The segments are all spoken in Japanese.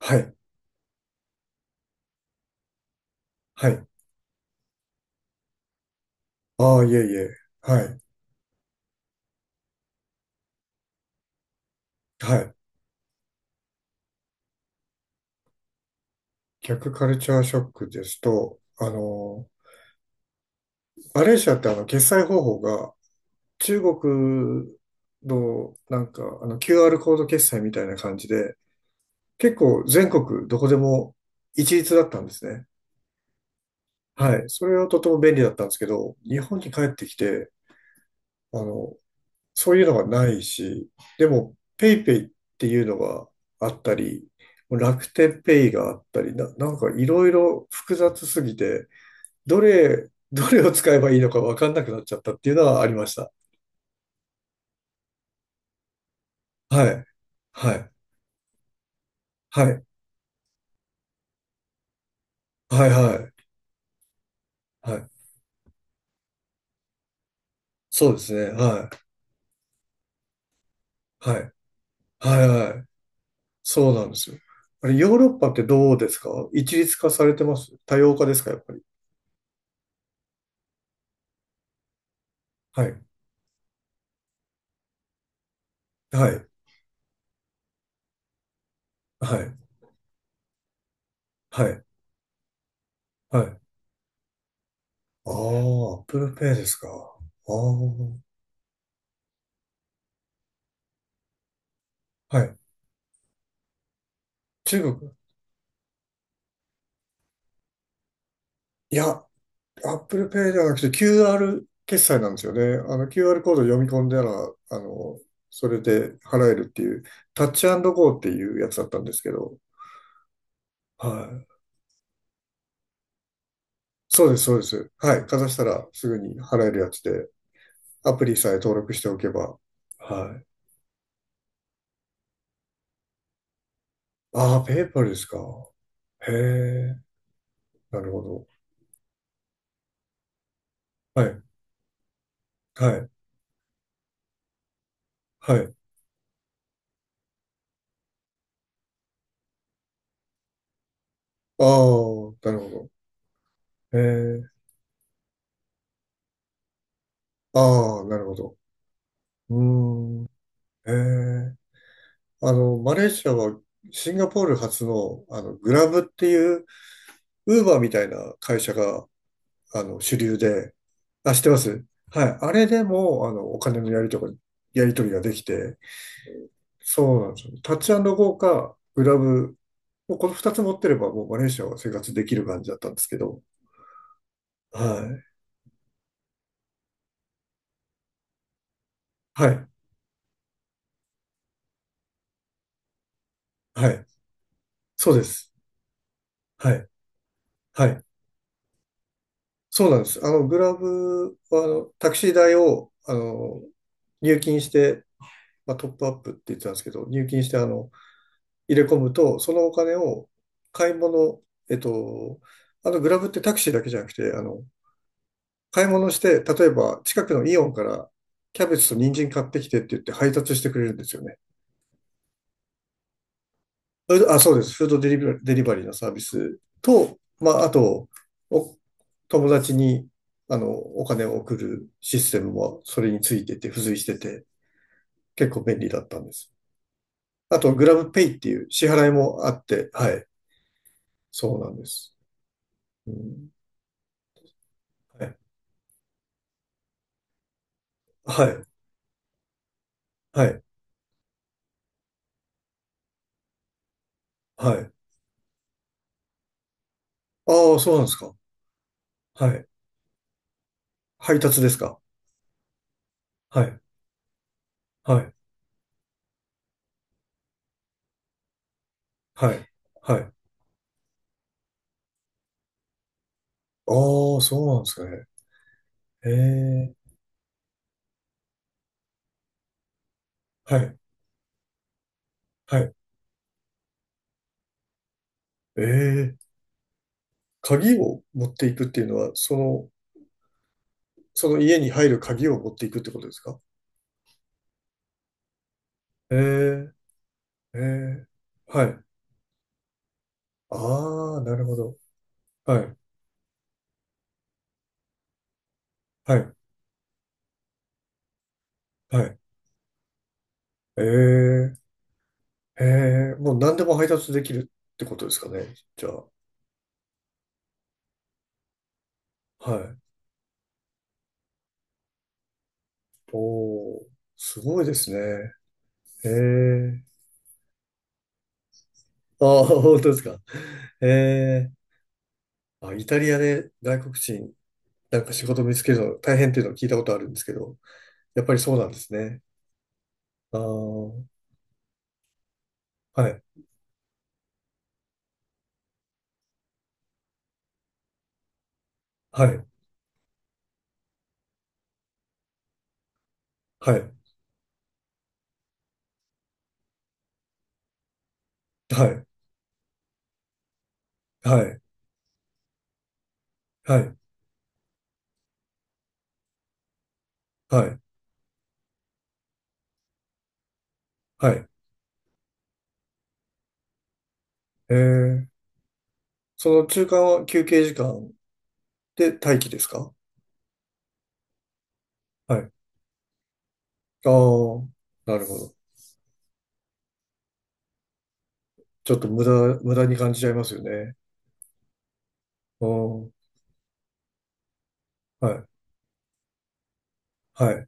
はい、はい。ああ、いえいえ。はい、はい。逆カルチャーショックですと、マレーシアって決済方法が中国のなんか、QR コード決済みたいな感じで、結構全国どこでも一律だったんですね。はい。それはとても便利だったんですけど、日本に帰ってきて、あの、そういうのがないし、でも、ペイペイっていうのがあったり、楽天ペイがあったり、なんかいろいろ複雑すぎて、どれを使えばいいのかわかんなくなっちゃったっていうのはありました。はい。はい。はい。はい。はい。はい。そうですね。はい。はい。はい。はい。そうなんですよ。あれ、ヨーロッパってどうですか？一律化されてます多様化ですかやっぱり？はい。はい。はい。はい。はい。ああ、Apple Pay ですか。ああ、はい。中国。いや、Apple Pay ではなくて QR 決済なんですよね。あの QR コード読み込んだら、あの、それで払えるっていう、タッチゴーっていうやつだったんですけど、はい。そうです、そうです。はい。かざしたらすぐに払えるやつで、アプリさえ登録しておけば。はい。ああ、ペーパルですか。へえ、なるほど。はい、はい、はい。ああ、なるほど。へえ。ああ、なるほど。うーん。ええ。マレーシアはシンガポール発の、グラブっていう、ウーバーみたいな会社が、主流で、あ、知ってます。はい。あれでも、お金のやりとか、やり取りができて、そうなんですよ。タッチゴーか、グラブ、もうこの二つ持ってれば、もうマレーシアは生活できる感じだったんですけど、はい。はい。はい。そうです。はい。はい。そうなんです。グラブは、タクシー代を、入金して、まあ、トップアップって言ってたんですけど、入金して、入れ込むと、そのお金を買い物、えっと、あの、グラブってタクシーだけじゃなくて、買い物して、例えば、近くのイオンから、キャベツと人参買ってきてって言って配達してくれるんですよね。それと、あ、そうです。フードデリバリー、デリバリーのサービスと、まあ、あと、お友達に、お金を送るシステムもそれについてて、付随してて、結構便利だったんです。あと、グラブペイっていう支払いもあって、はい。そうなんです。うん、はい。はい。はい。はい。ああ、そうなんですか。はい。配達ですか。はい。はい。はい。はい。ああ、そうなんですかね。ええ。はい。はい。ええ。鍵を持っていくっていうのは、その、その家に入る鍵を持っていくってことですか？ええ、ええ、はい。ああ、なるほど。はい、はい、はい。ええ、ええ、もう何でも配達できるってことですかね。じゃあ、はい。おお、すごいですね。ええ、ああ、本当ですか。ええ、あ、イタリアで外国人、なんか仕事見つけるの大変っていうのを聞いたことあるんですけど、やっぱりそうなんですね。ああ、はい。はい、はい、はい、はい、はい、はい、はい。えー、その中間は休憩時間で待機ですか？はい。ああ、なるほど。ちょっと無駄、無駄に感じちゃいますよね。ああ、はい、はい。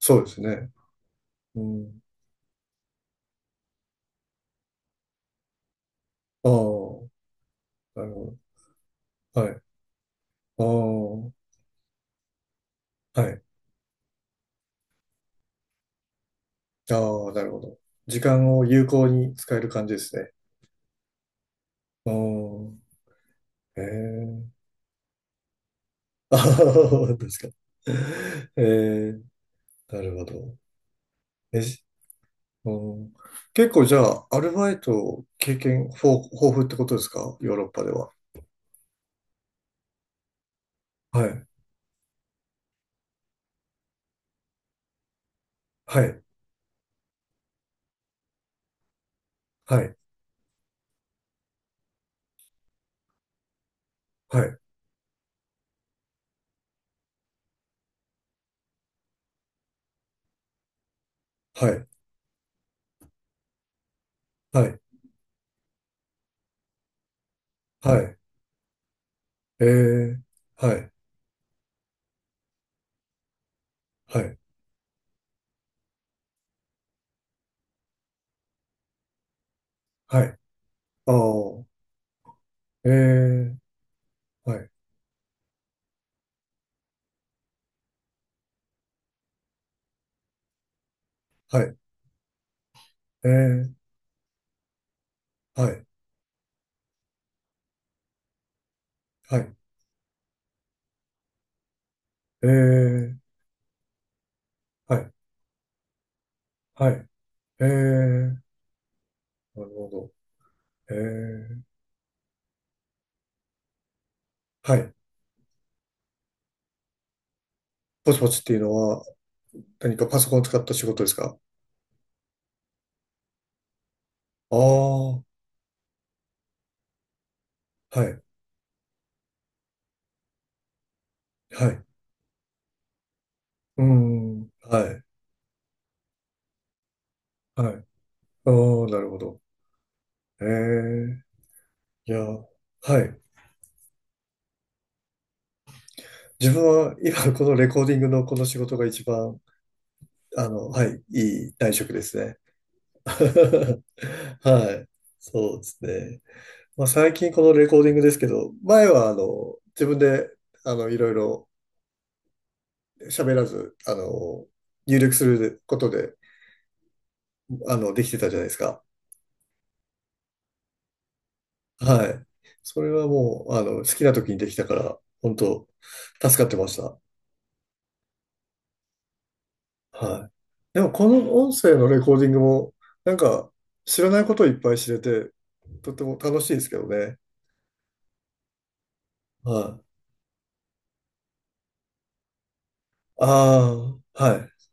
そうですね。うん。ああ、なるほど。はい。ああ、はい。ああ、なるほど。時間を有効に使える感じですね。ああ、ええ、ああ、確かに。ええ、なるほど。えうん、結構じゃあ、アルバイト経験豊富ってことですかヨーロッパでは？はい。はい。はい。はい。はい。はい。はい。えー。はい。はい。はい。ああ。えー。はい。はい。えー。はい。はい。えー。はい。はい。えー。なるほど。えー。はい。ポチポチっていうのは何かパソコンを使った仕事ですか？ああー。はい。はい。うーん。はい。はい。ああ、なるほど。ええ、いや、はい。自分は今このレコーディングのこの仕事が一番、はい、いい内職ですね。はい。そうですね。まあ最近このレコーディングですけど、前は自分で、いろいろ喋らず、入力することで、できてたじゃないですか。はい。それはもう、好きな時にできたから、本当助かってました。はい。でも、この音声のレコーディングも、なんか、知らないことをいっぱい知れて、とても楽しいですけどね。はい。ああ、はい。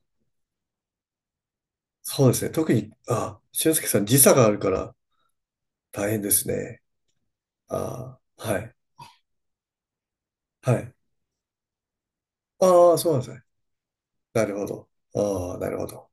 そうですね。特に、あ、俊介さん時差があるから大変ですね。ああ、はい。はい。ああ、そうなんですね。なるほど。ああ、なるほど。